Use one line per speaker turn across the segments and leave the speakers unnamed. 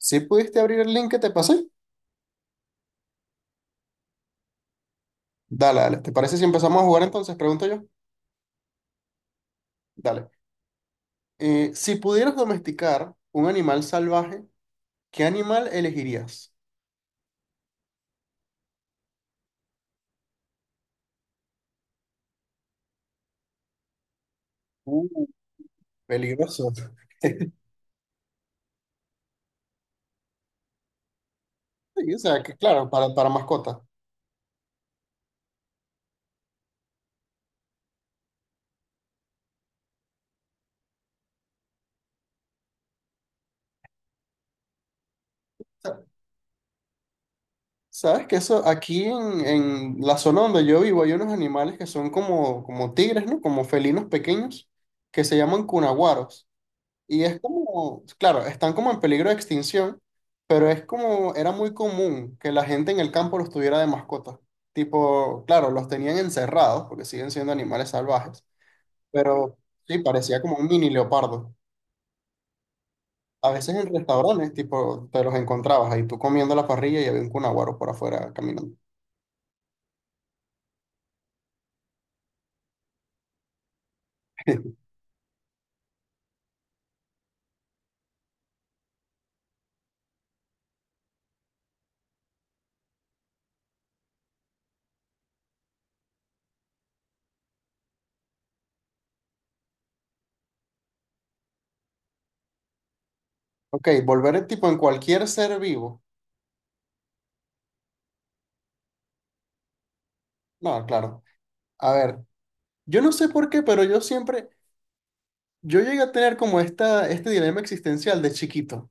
Si pudiste abrir el link que te pasé, dale, dale. ¿Te parece si empezamos a jugar entonces? Pregunto yo. Dale. Si pudieras domesticar un animal salvaje, ¿qué animal elegirías? Uh, peligroso. Sí, o sea, que claro, para mascota. Sa- Sabes que eso, en la zona donde yo vivo hay unos animales que son como tigres, ¿no? Como felinos pequeños que se llaman cunaguaros. Y es como, claro, están como en peligro de extinción, pero es como, era muy común que la gente en el campo los tuviera de mascotas. Tipo, claro, los tenían encerrados porque siguen siendo animales salvajes, pero sí, parecía como un mini leopardo. A veces en restaurantes, tipo, te los encontrabas ahí tú comiendo la parrilla y había un cunaguaro por afuera caminando. Ok, volver tipo en cualquier ser vivo. No, claro. A ver, yo no sé por qué, pero yo llegué a tener como este dilema existencial de chiquito.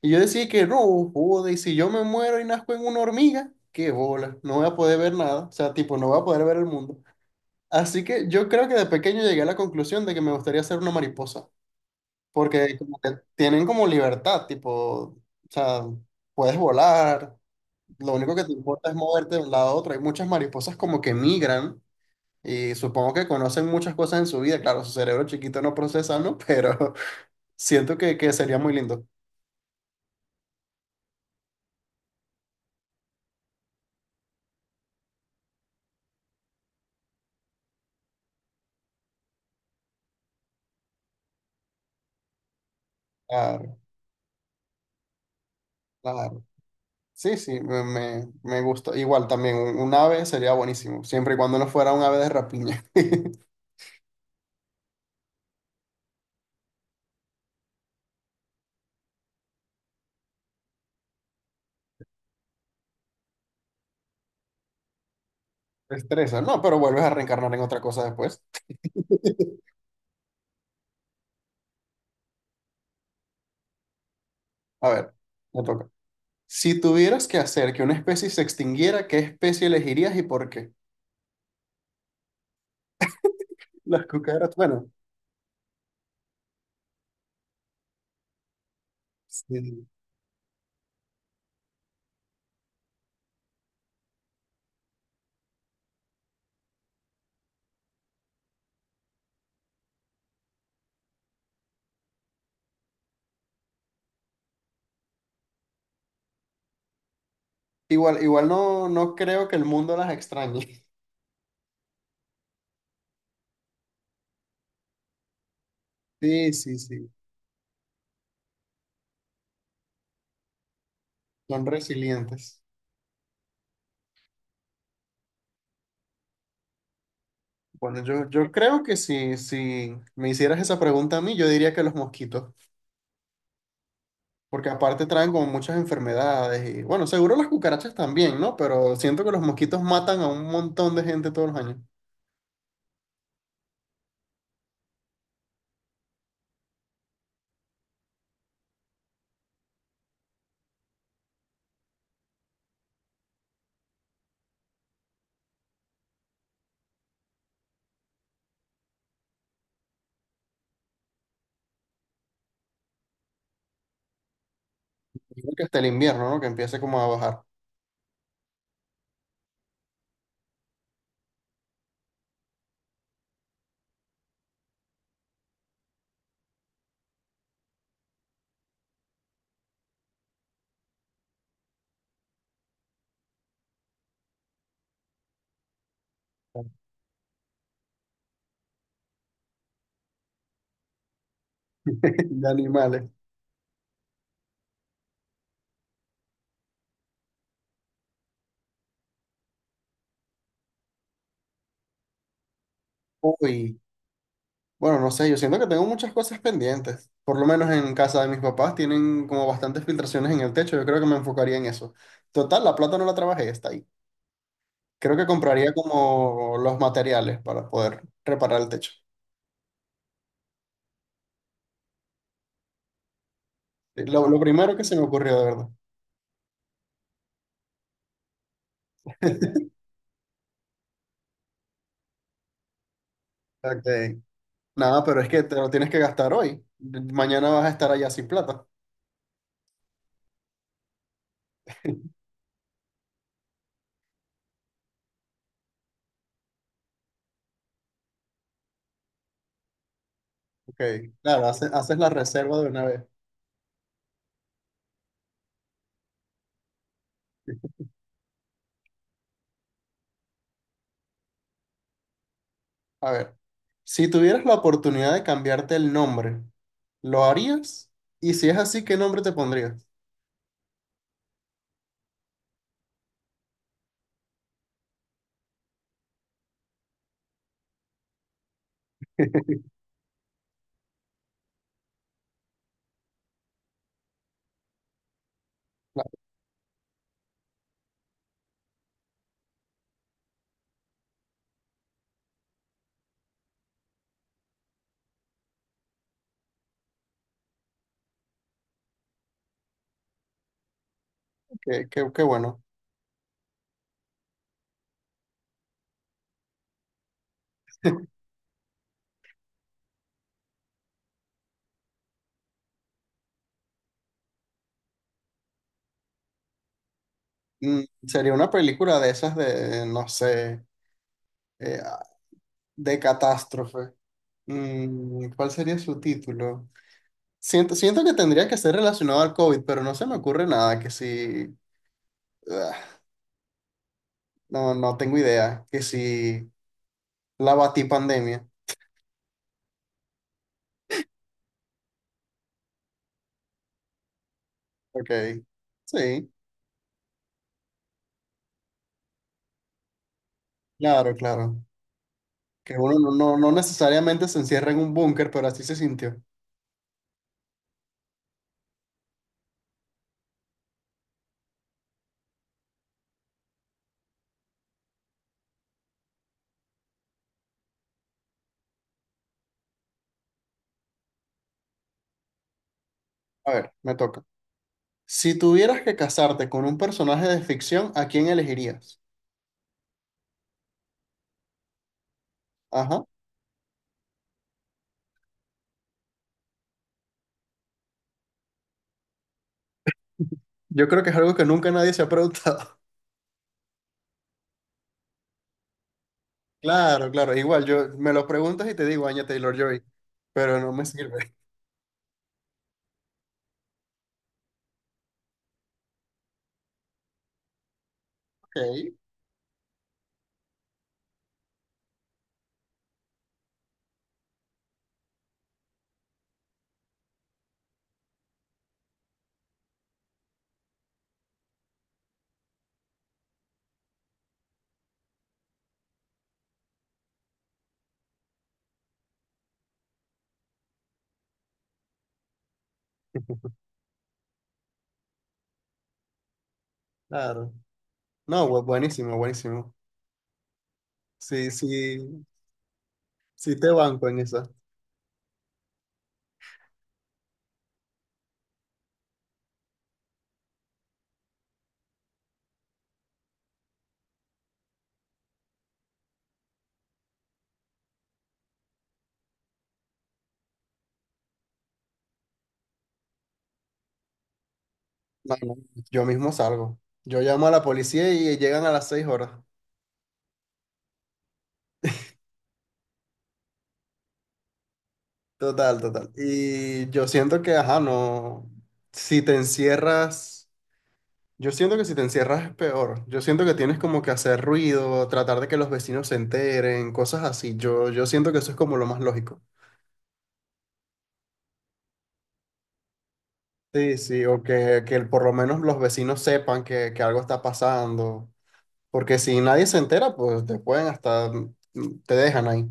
Y yo decía que no, joder, y si yo me muero y nazco en una hormiga, qué bola, no voy a poder ver nada, o sea, tipo, no voy a poder ver el mundo. Así que yo creo que de pequeño llegué a la conclusión de que me gustaría ser una mariposa, porque como que tienen como libertad, tipo, o sea, puedes volar, lo único que te importa es moverte de un lado a otro. Hay muchas mariposas como que migran y supongo que conocen muchas cosas en su vida, claro, su cerebro chiquito no procesa, ¿no? Pero siento que sería muy lindo. Claro, claro. Sí, sí, me gusta. Igual también un ave sería buenísimo, siempre y cuando no fuera un ave de rapiña. estresa no, pero vuelves a reencarnar en otra cosa después. A ver, me toca. Si tuvieras que hacer que una especie se extinguiera, ¿qué especie elegirías y por qué? Las cucarachas, bueno, sí. Igual, igual no, no creo que el mundo las extrañe. Sí, sí, sí, son resilientes. Bueno, yo creo que si, si me hicieras esa pregunta a mí, yo diría que los mosquitos. Porque aparte traen como muchas enfermedades y bueno, seguro las cucarachas también, ¿no? Pero siento que los mosquitos matan a un montón de gente todos los años. Yo creo que hasta el invierno, ¿no? Que empiece como a bajar de animales. Uy, bueno, no sé, yo siento que tengo muchas cosas pendientes. Por lo menos en casa de mis papás tienen como bastantes filtraciones en el techo. Yo creo que me enfocaría en eso. Total, la plata no la trabajé, está ahí. Creo que compraría como los materiales para poder reparar el techo. Sí, lo primero que se me ocurrió, de verdad. Ok. Nada, pero es que te lo tienes que gastar hoy. Mañana vas a estar allá sin plata. Ok, claro, haces la reserva de una vez. A ver, si tuvieras la oportunidad de cambiarte el nombre, ¿lo harías? Y si es así, ¿qué nombre te pondrías? Claro, qué bueno. Mm, sería una película de esas de, no sé, eh, ah, de catástrofe. Mm, ¿cuál sería su título? Siento, siento que tendría que ser relacionado al COVID, pero no se me ocurre nada que si... No, no tengo idea. Que si la batí pandemia. Ok. Sí, claro, claro. Que uno no necesariamente se encierra en un búnker, pero así se sintió. A ver, me toca. Si tuvieras que casarte con un personaje de ficción, ¿a quién elegirías? Ajá. Yo creo que es algo que nunca nadie se ha preguntado. Claro, claro. Igual, yo me lo preguntas y te digo, Anya Taylor-Joy, pero no me sirve. Ok. Claro. No, buenísimo, buenísimo. Sí, sí, sí te banco en esa. No, no, yo mismo salgo. Yo llamo a la policía y llegan a las 6 horas. Total, total. Y yo siento que, ajá, no. Si te encierras, yo siento que si te encierras es peor. Yo siento que tienes como que hacer ruido, tratar de que los vecinos se enteren, cosas así. Yo siento que eso es como lo más lógico. Sí, sí, o que por lo menos los vecinos sepan que algo está pasando. Porque si nadie se entera, pues te pueden hasta, te dejan ahí.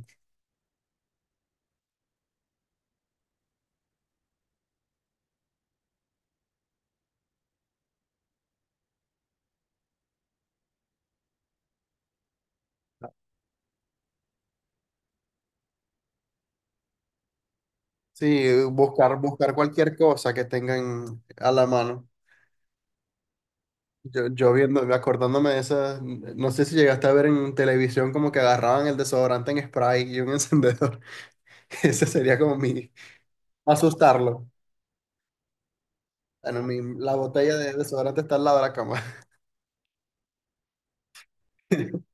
Sí, buscar cualquier cosa que tengan a la mano. Yo viendo, acordándome de esas, no sé si llegaste a ver en televisión como que agarraban el desodorante en spray y un encendedor. Ese sería como mi asustarlo. Bueno, la botella de desodorante está al lado de la cama.